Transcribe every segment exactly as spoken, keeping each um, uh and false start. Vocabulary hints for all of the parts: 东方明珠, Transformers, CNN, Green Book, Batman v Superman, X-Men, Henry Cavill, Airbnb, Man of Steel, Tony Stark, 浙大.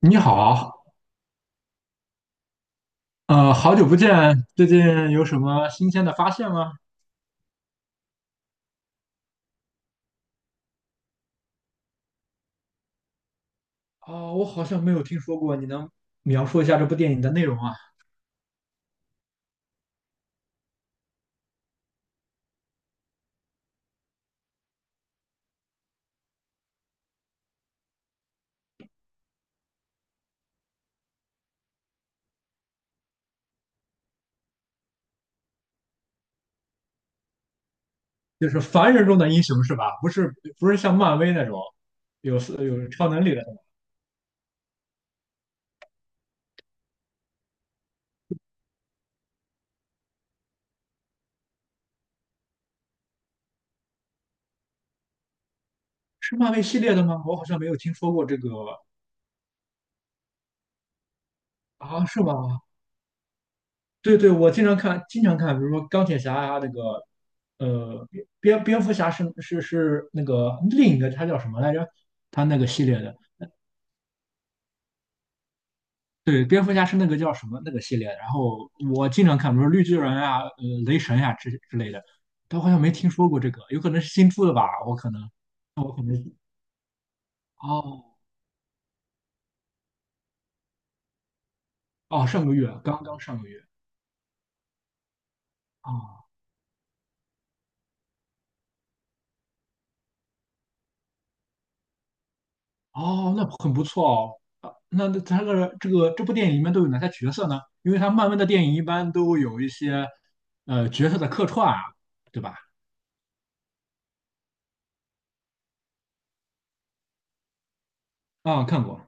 你好，呃，好久不见，最近有什么新鲜的发现吗？啊、我好像没有听说过，你能描述一下这部电影的内容啊？就是凡人中的英雄是吧？不是，不是像漫威那种有有超能力的那种，是漫威系列的吗？我好像没有听说过这个啊，是吗？对对，我经常看，经常看，比如说钢铁侠啊，那个呃，蝙蝙蝠侠是是是那个另一个，他叫什么来着？他那个系列的。对，蝙蝠侠是那个叫什么那个系列，然后我经常看，比如说绿巨人啊、呃、雷神呀、之之类的，但我好像没听说过这个，有可能是新出的吧？我可能，那我可能哦哦，上个月刚刚上个月啊、哦，哦，那很不错哦。啊那那他这个这个这部电影里面都有哪些角色呢？因为他漫威的电影一般都有一些呃角色的客串啊，对吧？啊、看过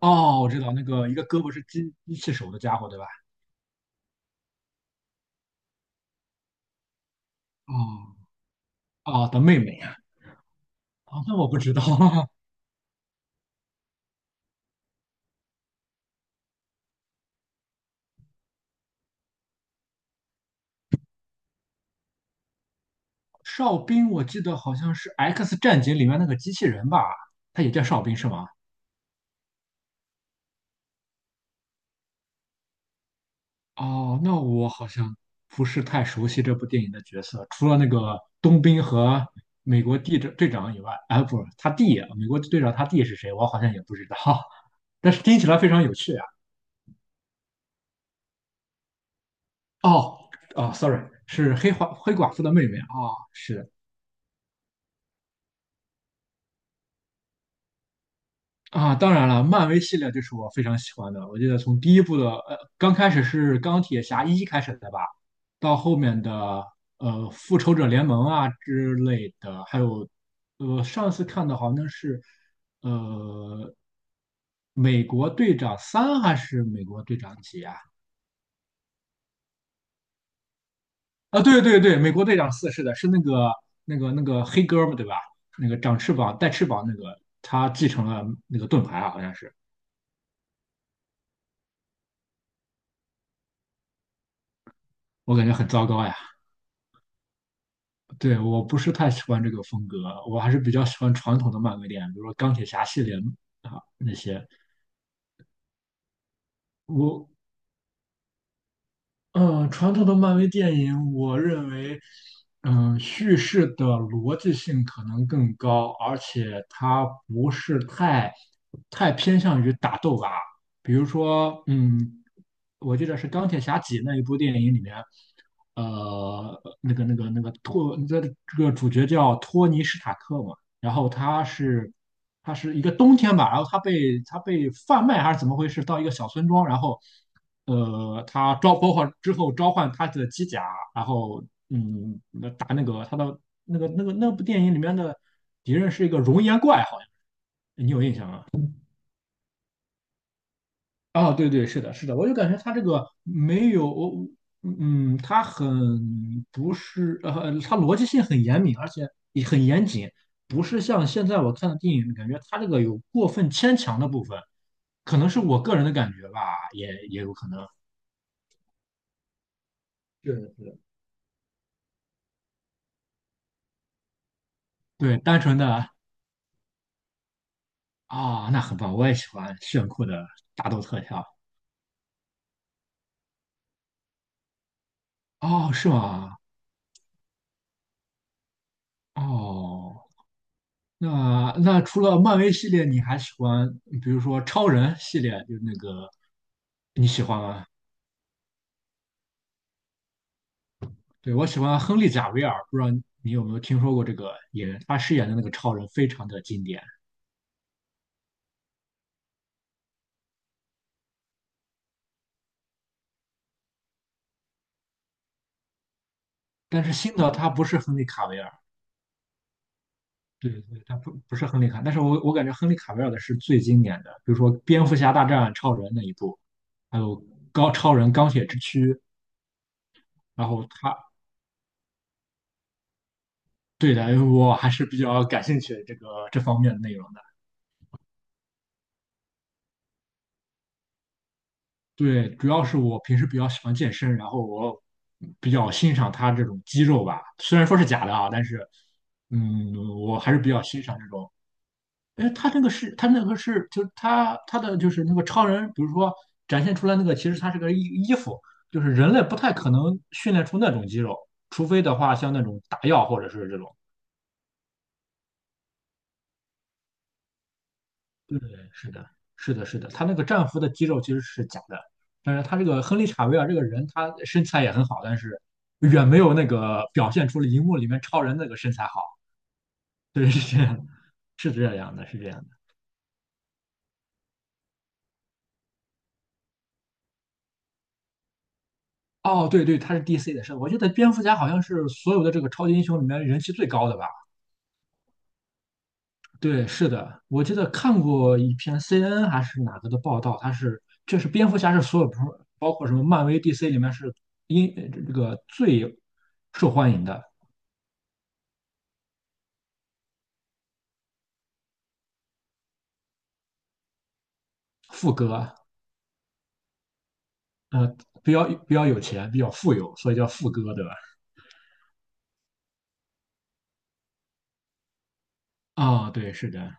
哦，我知道那个一个胳膊是机机器手的家伙，对吧？哦哦的妹妹。好那我不知道，哨兵我记得好像是《X 战警》里面那个机器人吧，他也叫哨兵是吗？哦，那我好像不是太熟悉这部电影的角色，除了那个冬兵和美国地队长以外，啊，不，他弟，美国队长他弟是谁？我好像也不知道，但是听起来非常有趣啊。哦，哦，sorry,是黑寡黑寡妇的妹妹啊，哦，是。啊，当然了，漫威系列就是我非常喜欢的。我记得从第一部的，呃，刚开始是钢铁侠一开始的吧，到后面的呃复仇者联盟啊之类的，还有呃上次看的好像是呃美国队长三还是美国队长几啊？啊，对对对，美国队长四是的，是那个那个那个黑哥们对吧？那个长翅膀带翅膀那个，他继承了那个盾牌啊，好像是，我感觉很糟糕呀。对，我不是太喜欢这个风格，我还是比较喜欢传统的漫威电影，比如说钢铁侠系列啊那些。我嗯，传统的漫威电影，我认为，嗯，叙事的逻辑性可能更高，而且它不是太太偏向于打斗吧。比如说，嗯，我记得是《钢铁侠几》那一部电影里面，呃，那个那个那个托，这这个主角叫托尼·史塔克嘛，然后他是。它是一个冬天吧，然后它被它被贩卖还是怎么回事？到一个小村庄，然后呃，它召包括之后召唤它的机甲，然后嗯，打那个它的那个那个那部电影里面的敌人是一个熔岩怪，好像你有印象吗？哦，对对，是的，是的，我就感觉他这个没有，我嗯，他很不是，呃，他逻辑性很严密，而且也很严谨，不是像现在我看的电影，感觉他这个有过分牵强的部分，可能是我个人的感觉吧，也也有可能，是的，是的对，单纯的啊、那很棒，我也喜欢炫酷的打斗特效，哦，是吗？哦，那那除了漫威系列，你还喜欢，比如说超人系列，就是那个你喜欢吗？对，我喜欢亨利·贾维尔，不知道你有没有听说过这个演员，他饰演的那个超人非常的经典。但是新的他不是亨利·卡维尔，对对，他不不是亨利卡，但是我我感觉亨利·卡维尔的是最经典的，比如说《蝙蝠侠大战超人》那一部，还有高超人钢铁之躯，然后他对的，我还是比较感兴趣这个这方面的内容。对，主要是我平时比较喜欢健身，然后我比较欣赏他这种肌肉吧，虽然说是假的啊，但是，嗯，我还是比较欣赏这种。哎，他那个是，他那个是，就是他他的就是那个超人，比如说展现出来那个，其实他是个衣衣服，就是人类不太可能训练出那种肌肉，除非的话像那种打药或者是这种。对，是的，是的，是的，他那个战俘的肌肉其实是假的，但是他这个亨利·查维尔这个人，他身材也很好，但是远没有那个表现出了荧幕里面超人那个身材好。对，是这样的，是这样的，是这样的。哦，对对，他是 D C 的，是的我记得蝙蝠侠好像是所有的这个超级英雄里面人气最高的吧？对，是的，我记得看过一篇 C N N 还是哪个的报道，他是就是蝙蝠侠是所有包括什么漫威、D C 里面是英这个最受欢迎的。富哥，呃，比较比较有钱，比较富有，所以叫富哥，对吧？啊，对，是的，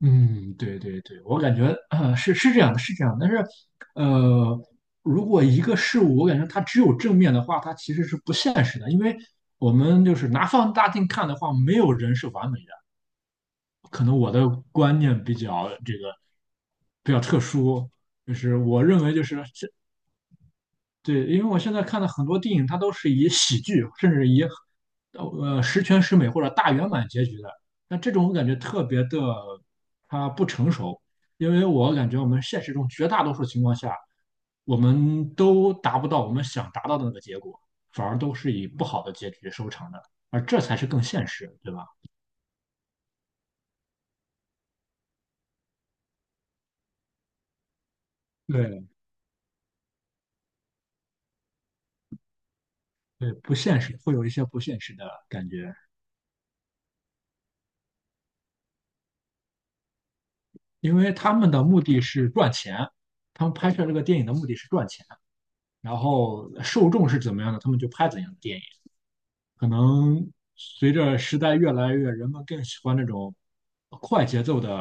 嗯，对对对，我感觉啊，是是这样的，是这样的但是，呃，如果一个事物，我感觉它只有正面的话，它其实是不现实的，因为我们就是拿放大镜看的话，没有人是完美的。可能我的观念比较这个比较特殊，就是我认为就是对，因为我现在看的很多电影，它都是以喜剧，甚至以呃十全十美或者大圆满结局的。那这种我感觉特别的，它不成熟，因为我感觉我们现实中绝大多数情况下，我们都达不到我们想达到的那个结果，反而都是以不好的结局收场的，而这才是更现实，对吧？对，对，不现实，会有一些不现实的感觉，因为他们的目的是赚钱，他们拍摄这个电影的目的是赚钱。然后受众是怎么样的，他们就拍怎样的电影。可能随着时代越来越，人们更喜欢那种快节奏的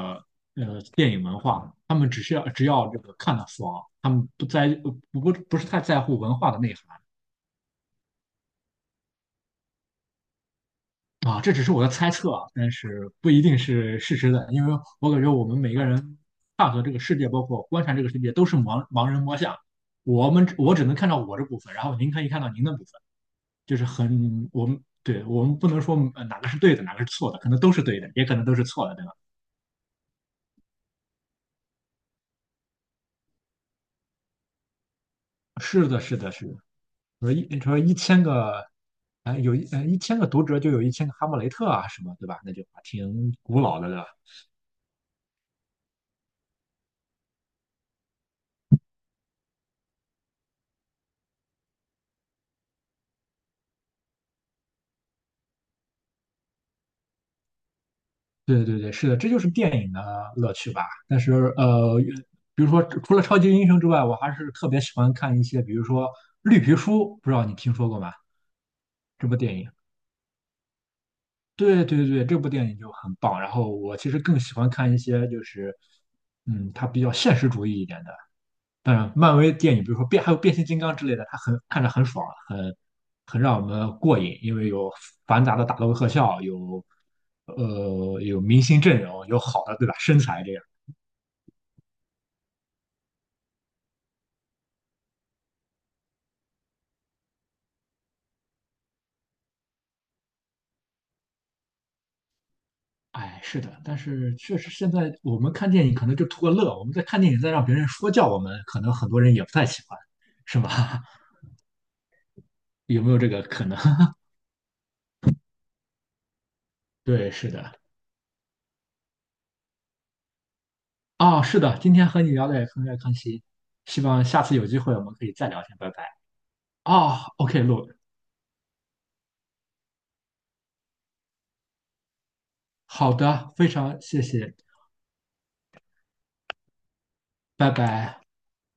呃电影文化，他们只需要只要这个看得爽，他们不在不不不是太在乎文化的内涵。啊，这只是我的猜测啊，但是不一定是事实的，因为我感觉我们每个人看和这个世界，包括观察这个世界，都是盲盲人摸象。我们只我只能看到我这部分，然后您可以看到您的部分。就是很我们对我们不能说呃哪个是对的，哪个是错的，可能都是对的，也可能都是错的，对吧？是的，是的，是的。说一说一千个，哎，有一呃一千个读者就有一千个哈姆雷特啊，什么对吧？那就挺古老的了。对对对，是的，这就是电影的乐趣吧。但是呃，比如说除了超级英雄之外，我还是特别喜欢看一些，比如说《绿皮书》，不知道你听说过吗？这部电影。对对对，这部电影就很棒。然后我其实更喜欢看一些就是，嗯，它比较现实主义一点的。当然，漫威电影，比如说变，还有变形金刚之类的，它很看着很爽，很很让我们过瘾，因为有繁杂的打斗特效，有呃有明星阵容，有好的对吧身材这样。哎，是的，但是确实现在我们看电影可能就图个乐，我们在看电影再让别人说教我们，可能很多人也不太喜欢，是吗？有没有这个可能？对，是的。哦，是的，今天和你聊的也很开心，希望下次有机会我们可以再聊天，拜拜。哦，OK,录，好的，非常谢谢，拜拜。